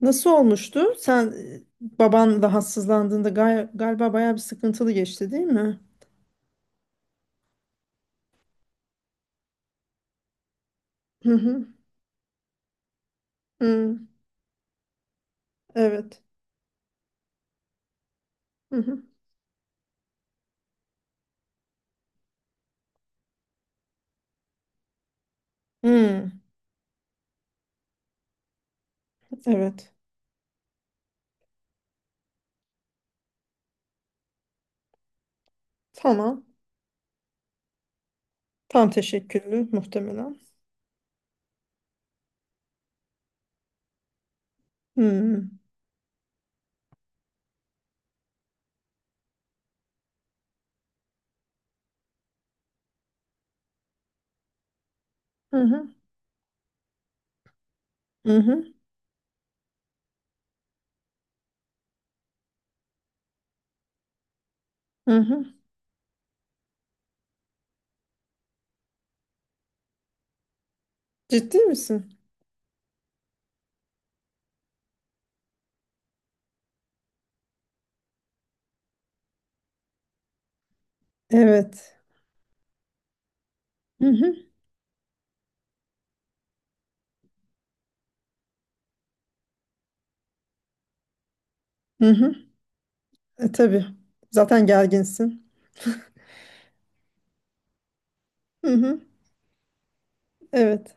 Nasıl olmuştu? Sen baban rahatsızlandığında galiba bayağı bir sıkıntılı geçti, değil mi? Hı hı. Hı. Evet. Hı hı. Hı. Evet. Tamam. Tam teşekküllü muhtemelen. Hı hı. Hı hı. Hı hı. Ciddi misin? Evet. Hı hı. Hı hı. E, tabii. Zaten gerginsin. Hı hı. Evet.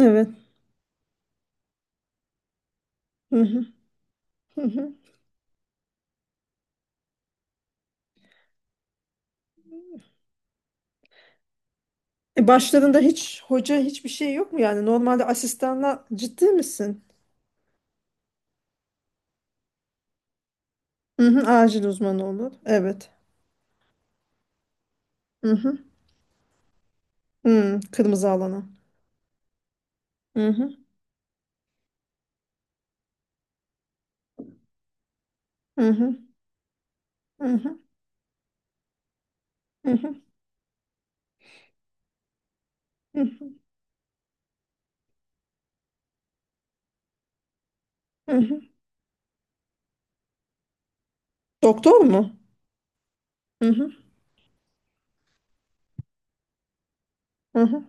Evet. Hı hı. Hı hı. E, başlarında hiç hoca hiçbir şey yok mu yani? Normalde asistanla ciddi misin? Hı hı, acil uzmanı olur. Evet. Hı hı. Hı, kırmızı alana. Hı hı. Hı hı. Hı hı. Hı hı. Hı hı. Hı hı. Doktor mu? Hı hı. Hı hı.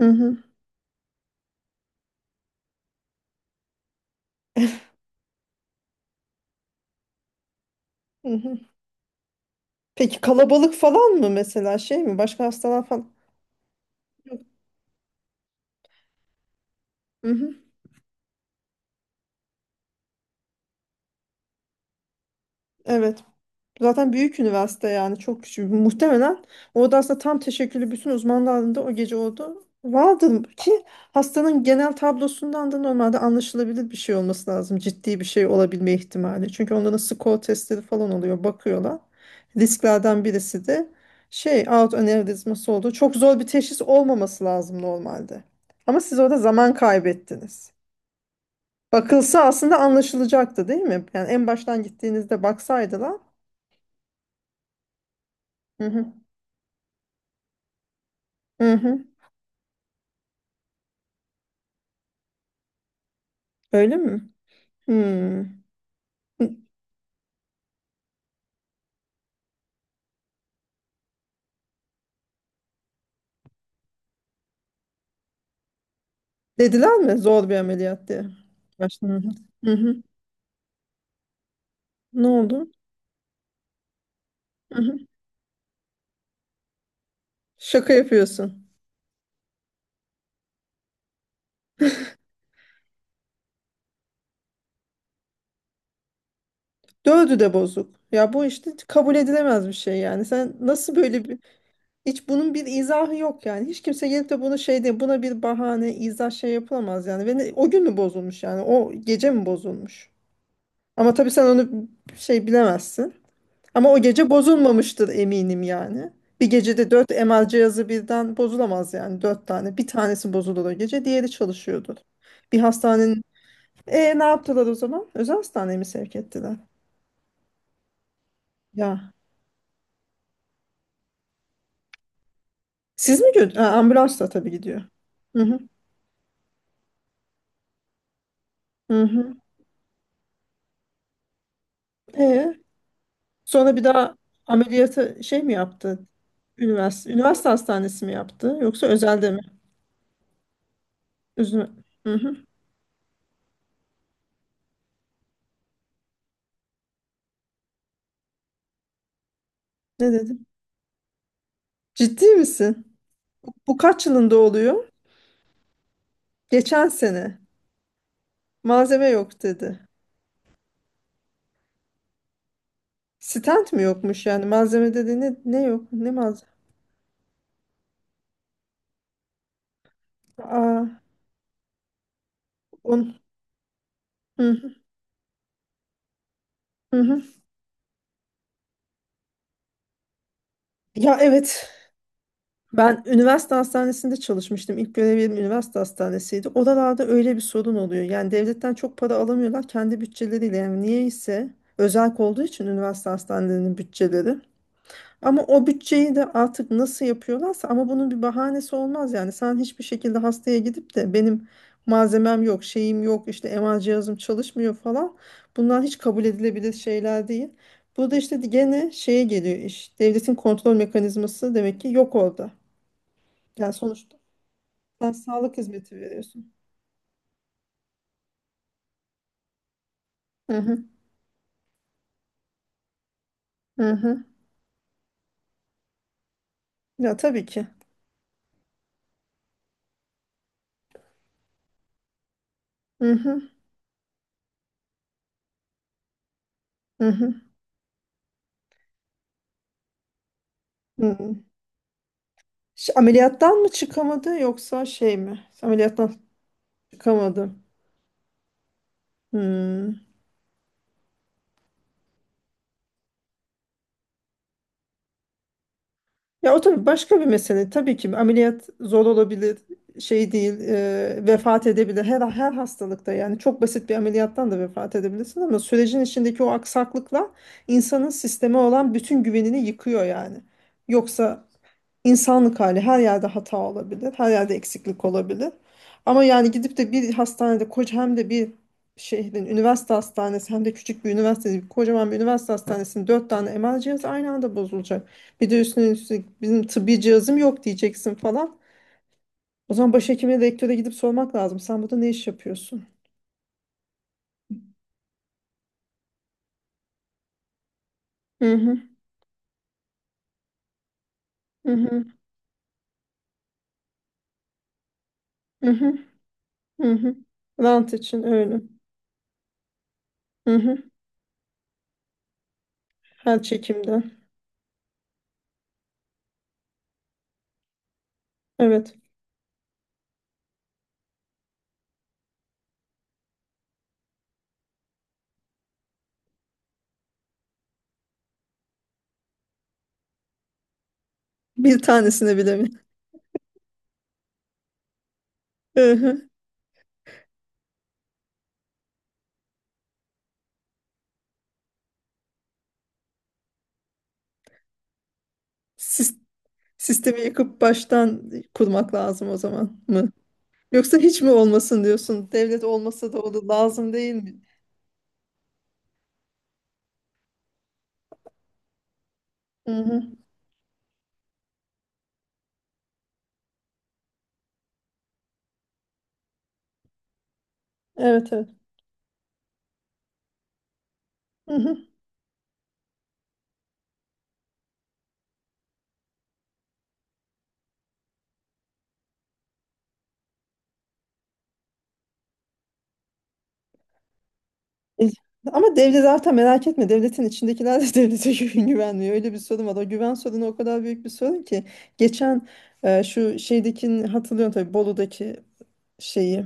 Hı hı. Hı hı. Peki kalabalık falan mı mesela şey mi? Başka hastalar falan? Yok. Hı hı. Evet. Zaten büyük üniversite yani çok küçük. Muhtemelen orada aslında tam teşekküllü bütün uzman dalında o gece oldu. Vardı ki hastanın genel tablosundan da normalde anlaşılabilir bir şey olması lazım. Ciddi bir şey olabilme ihtimali. Çünkü onların skor testleri falan oluyor. Bakıyorlar. Risklerden birisi de şey aort anevrizması oldu. Çok zor bir teşhis olmaması lazım normalde. Ama siz orada zaman kaybettiniz. Bakılsa aslında anlaşılacaktı değil mi? Yani en baştan gittiğinizde baksaydılar. Hı hı. Hı hı. Öyle mi? Hmm. Dediler mi zor bir ameliyat diye? Baştan. Hı hı. Ne oldu? Hı hı. Şaka yapıyorsun. Dördü de bozuk. Ya bu işte kabul edilemez bir şey yani. Sen nasıl böyle bir... Hiç bunun bir izahı yok yani. Hiç kimse gelip de bunu şey diye buna bir bahane, izah şey yapılamaz yani. Ve o gün mü bozulmuş yani? O gece mi bozulmuş? Ama tabii sen onu şey bilemezsin. Ama o gece bozulmamıştır eminim yani. Bir gecede dört MR cihazı birden bozulamaz yani dört tane. Bir tanesi bozulur o gece, diğeri çalışıyordur. Bir hastanenin... E ne yaptılar o zaman? Özel hastaneye mi sevk ettiler? Ya. Siz mi gördünüz? Ambulansla tabii gidiyor. Hı hı. Hı hı. E sonra bir daha ameliyatı şey mi yaptı? Üniversite hastanesi mi yaptı? Yoksa özelde mi? Üzme. Hı hı. Ne dedim? Ciddi misin? Bu kaç yılında oluyor? Geçen sene. Malzeme yok dedi. Stent mi yokmuş yani? Malzeme dedi ne yok? Ne malzeme? Aa, on, hı, hı, hı. hı. Ya evet. Ben üniversite hastanesinde çalışmıştım. İlk görevim üniversite hastanesiydi. Oralarda öyle bir sorun oluyor. Yani devletten çok para alamıyorlar kendi bütçeleriyle. Yani niyeyse özel olduğu için üniversite hastanelerinin bütçeleri. Ama o bütçeyi de artık nasıl yapıyorlarsa ama bunun bir bahanesi olmaz yani. Sen hiçbir şekilde hastaya gidip de benim malzemem yok, şeyim yok, işte MR cihazım çalışmıyor falan. Bunlar hiç kabul edilebilir şeyler değil. Burada işte gene şeye geliyor iş. Devletin kontrol mekanizması demek ki yok orada. Yani sonuçta sen sağlık hizmeti veriyorsun. Hı hı, hı hı. Ya tabii ki. Hı hı, hı hı, hı hı. Ş- Ameliyattan mı çıkamadı yoksa şey mi? Ameliyattan çıkamadı. Hmm. Ya o tabii başka bir mesele. Tabii ki ameliyat zor olabilir, şey değil, e, vefat edebilir. Her hastalıkta yani çok basit bir ameliyattan da vefat edebilirsin ama sürecin içindeki o aksaklıkla insanın sisteme olan bütün güvenini yıkıyor yani. Yoksa İnsanlık hali her yerde hata olabilir, her yerde eksiklik olabilir. Ama yani gidip de bir hastanede koca hem de bir şehrin üniversite hastanesi hem de küçük bir üniversite, kocaman bir üniversite hastanesinin dört tane MR cihazı aynı anda bozulacak. Bir de üstüne üstlük bizim tıbbi cihazım yok diyeceksin falan. O zaman başhekime, rektöre gidip sormak lazım. Sen burada ne iş yapıyorsun? Hı hı, hı hı, hı hı, hı hı. Rant için öyle. Hı hı. Her çekimden. Evet. Bir tanesine bile mi? Hı hı. Sis- Sistemi yıkıp baştan kurmak lazım o zaman mı? Yoksa hiç mi olmasın diyorsun? Devlet olmasa da olur lazım değil mi? Hı hı. Evet, evet. Hı hı. E, ama devlet zaten merak etme devletin içindekiler de devlete güvenmiyor. Öyle bir sorun var. O güven sorunu o kadar büyük bir sorun ki. Geçen şu şeydekini hatırlıyorum tabii Bolu'daki şeyi.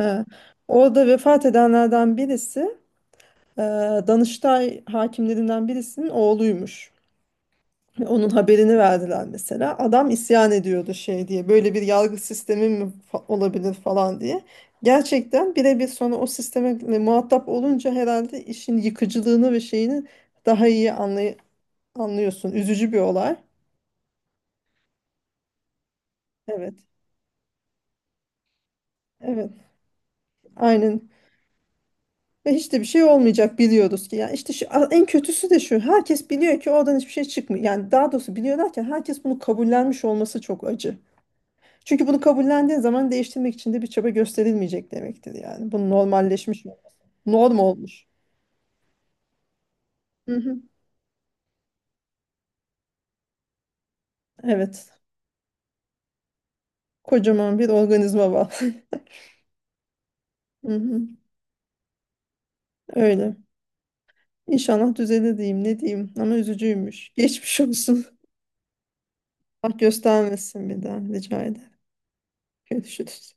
E, orada vefat edenlerden birisi e, Danıştay hakimlerinden birisinin oğluymuş. Onun haberini verdiler mesela. Adam isyan ediyordu şey diye. Böyle bir yargı sistemi mi olabilir falan diye. Gerçekten birebir sonra o sisteme muhatap olunca herhalde işin yıkıcılığını ve şeyini daha iyi anlıyorsun. Üzücü bir olay. Evet. Evet. Aynen. Ve hiç de bir şey olmayacak biliyoruz ki. Yani işte şu, en kötüsü de şu. Herkes biliyor ki oradan hiçbir şey çıkmıyor. Yani daha doğrusu biliyorlar ki herkes bunu kabullenmiş olması çok acı. Çünkü bunu kabullendiğin zaman değiştirmek için de bir çaba gösterilmeyecek demektir yani. Bu normalleşmiş olması. Norm olmuş. Hı hı. Evet. Kocaman bir organizma var. Hı hı. Öyle. İnşallah düzelir diyeyim ne diyeyim ama üzücüymüş. Geçmiş olsun. Allah göstermesin bir daha rica ederim. Görüşürüz.